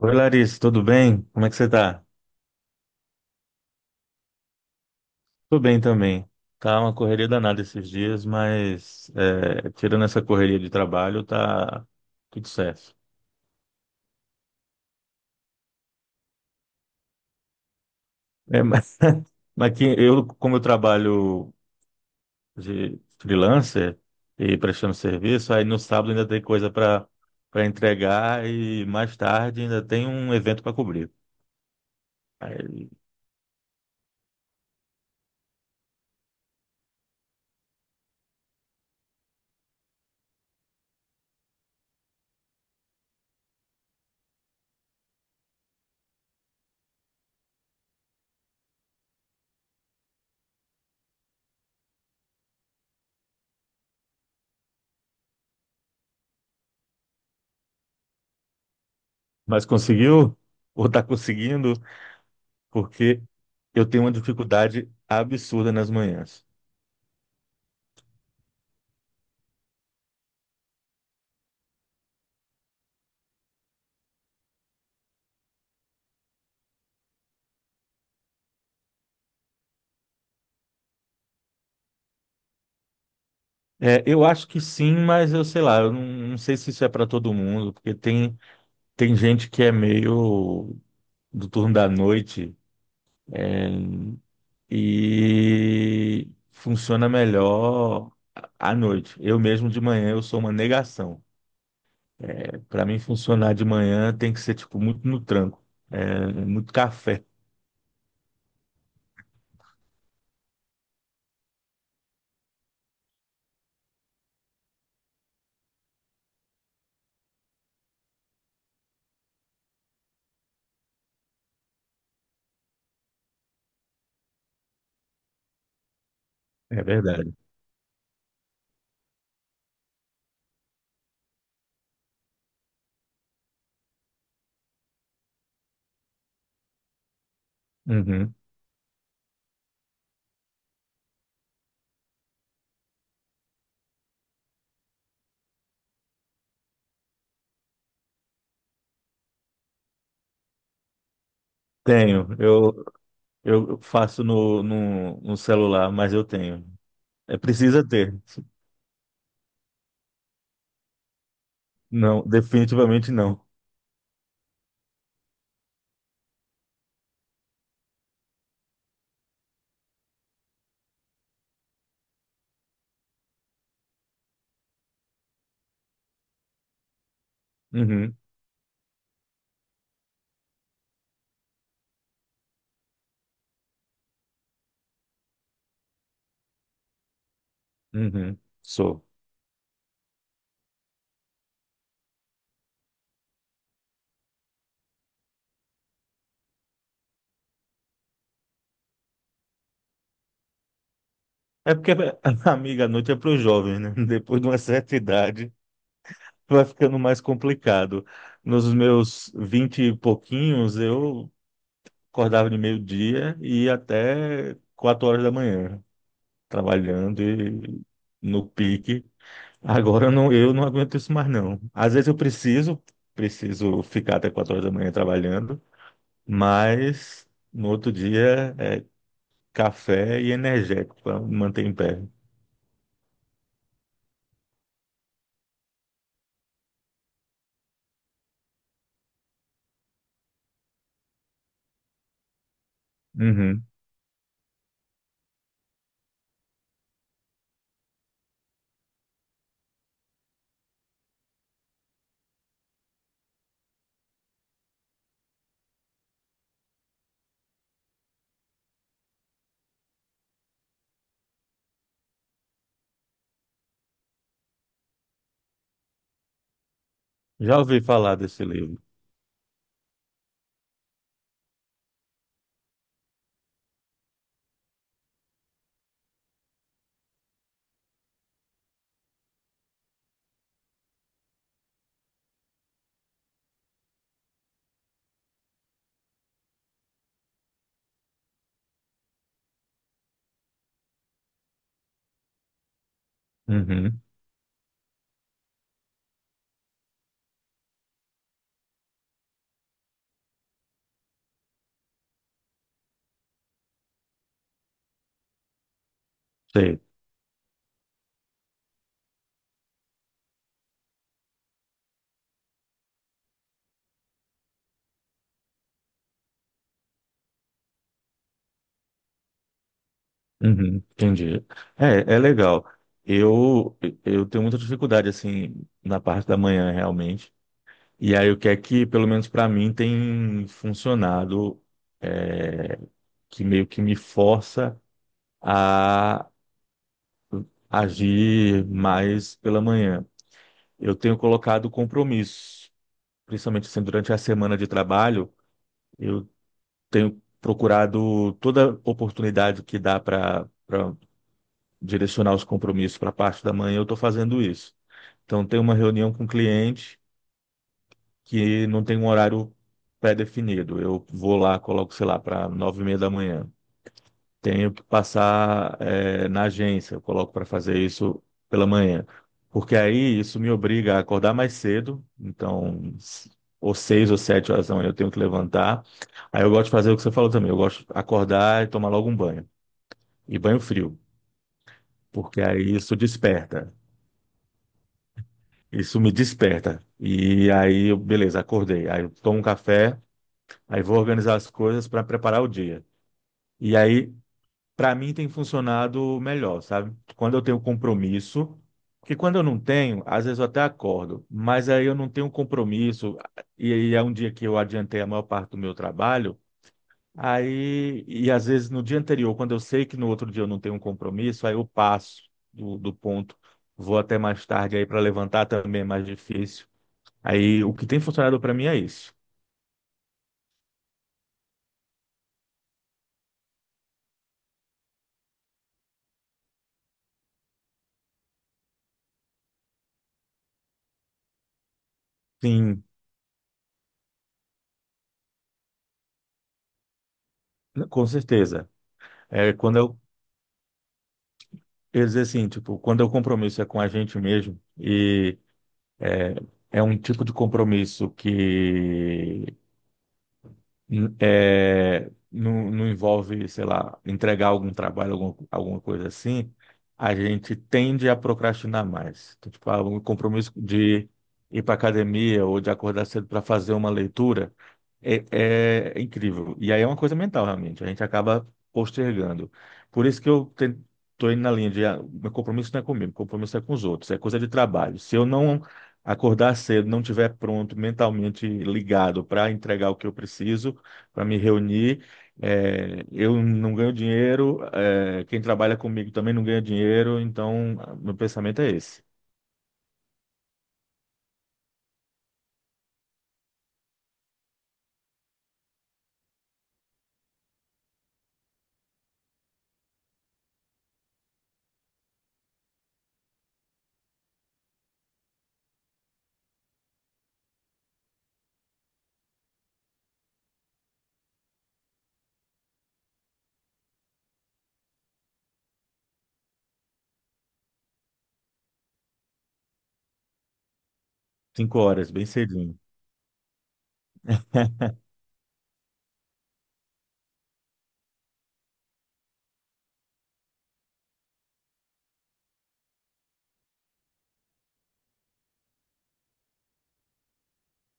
Oi, Larissa, tudo bem? Como é que você tá? Tô bem também. Tá uma correria danada esses dias, mas tirando essa correria de trabalho, tá tudo certo. É, mas, como eu trabalho de freelancer e prestando serviço, aí no sábado ainda tem coisa para entregar e mais tarde ainda tem um evento para cobrir. Aí, mas conseguiu? Ou tá conseguindo? Porque eu tenho uma dificuldade absurda nas manhãs. É, eu acho que sim, mas eu sei lá, eu não, não sei se isso é para todo mundo, porque tem gente que é meio do turno da noite e funciona melhor à noite. Eu mesmo de manhã eu sou uma negação. Para mim funcionar de manhã tem que ser tipo muito no tranco, muito café. É verdade. Uhum. Tenho, eu faço no celular, mas eu tenho. É precisa ter. Não, definitivamente não. Uhum. Uhum, sou. É porque a amiga, à noite é para os jovens, né? Depois de uma certa idade, vai ficando mais complicado. Nos meus vinte e pouquinhos, eu acordava de meio-dia e ia até 4 horas da manhã, trabalhando e no pique. Agora eu não aguento isso mais, não. Às vezes preciso ficar até 4 horas da manhã trabalhando, mas no outro dia é café e energético para manter em pé. Uhum. Já ouvi falar desse livro. Uhum, sei. Uhum, entendi. É, é legal. Eu, eu tenho muita dificuldade, assim, na parte da manhã, realmente. E aí, o que é que, pelo menos para mim, tem funcionado, é, que meio que me força a agir mais pela manhã. Eu tenho colocado compromissos, principalmente assim, durante a semana de trabalho, eu tenho procurado toda oportunidade que dá para direcionar os compromissos para a parte da manhã, eu estou fazendo isso. Então, tem uma reunião com o cliente que não tem um horário pré-definido. Eu vou lá, coloco, sei lá, para 9:30 da manhã. Tenho que passar, na agência, eu coloco para fazer isso pela manhã. Porque aí isso me obriga a acordar mais cedo, então, ou 6 ou 7 horas da manhã eu tenho que levantar. Aí eu gosto de fazer o que você falou também, eu gosto de acordar e tomar logo um banho. E banho frio, porque aí isso desperta. Isso me desperta. E aí, eu, beleza, acordei. Aí eu tomo um café, aí vou organizar as coisas para preparar o dia. E aí, para mim, tem funcionado melhor, sabe? Quando eu tenho compromisso, porque quando eu não tenho, às vezes eu até acordo, mas aí eu não tenho compromisso, e aí é um dia que eu adiantei a maior parte do meu trabalho. Aí, e às vezes no dia anterior, quando eu sei que no outro dia eu não tenho um compromisso, aí eu passo do ponto, vou até mais tarde aí para levantar também é mais difícil. Aí o que tem funcionado para mim é isso. Sim, com certeza. É quando eu, eu dizer assim, tipo, quando o compromisso é com a gente mesmo e é, é um tipo de compromisso que não, não envolve, sei lá, entregar algum trabalho, alguma coisa assim, a gente tende a procrastinar mais. Então, tipo, ah, um compromisso de ir para academia ou de acordar cedo para fazer uma leitura é, é incrível. E aí é uma coisa mental, realmente. A gente acaba postergando. Por isso que eu estou indo na linha de ah, meu compromisso não é comigo, meu compromisso é com os outros, é coisa de trabalho. Se eu não acordar cedo, não tiver pronto, mentalmente ligado para entregar o que eu preciso, para me reunir. É, eu não ganho dinheiro, é, quem trabalha comigo também não ganha dinheiro, então meu pensamento é esse. 5 horas, bem cedinho.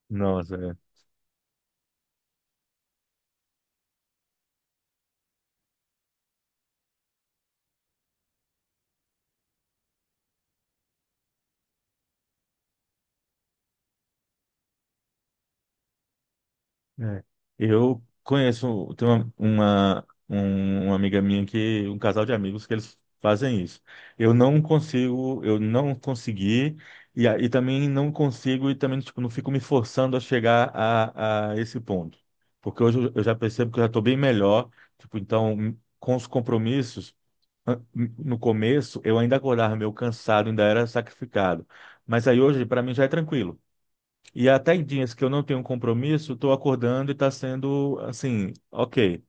Nossa, é. É. Eu conheço, tem uma amiga minha que, um casal de amigos que eles fazem isso. Eu não consigo, eu não consegui, e também não consigo, e também tipo, não fico me forçando a chegar a esse ponto. Porque hoje eu já percebo que eu já estou bem melhor, tipo, então, com os compromissos, an- no começo eu ainda acordava meio cansado, ainda era sacrificado. Mas aí hoje, para mim, já é tranquilo. E até em dias que eu não tenho compromisso, estou acordando e está sendo assim, ok.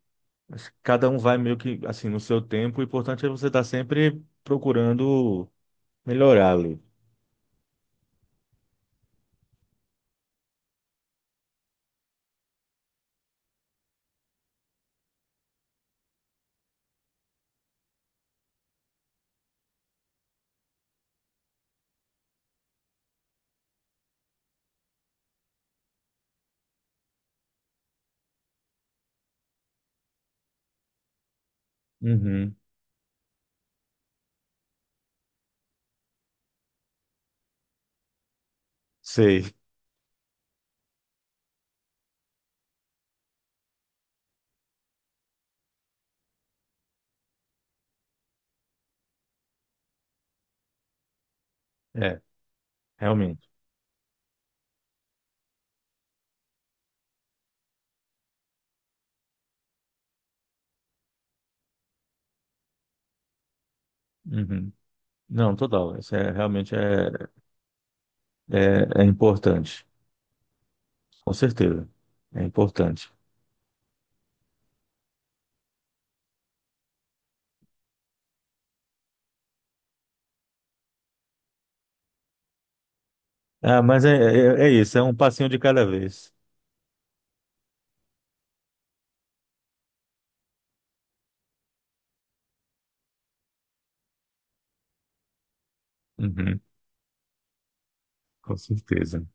Cada um vai meio que assim no seu tempo. O importante é você estar sempre procurando melhorar ali. Uhum. Sei. É, realmente. Uhum. Não, total. Realmente é importante. Com certeza. É importante. Ah, mas é isso. É um passinho de cada vez. Uhum. Com certeza.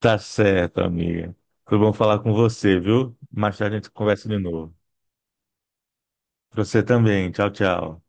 Tá certo, amiga. Foi bom falar com você, viu? Mais tarde a gente conversa de novo. Pra Você também. Tchau, tchau.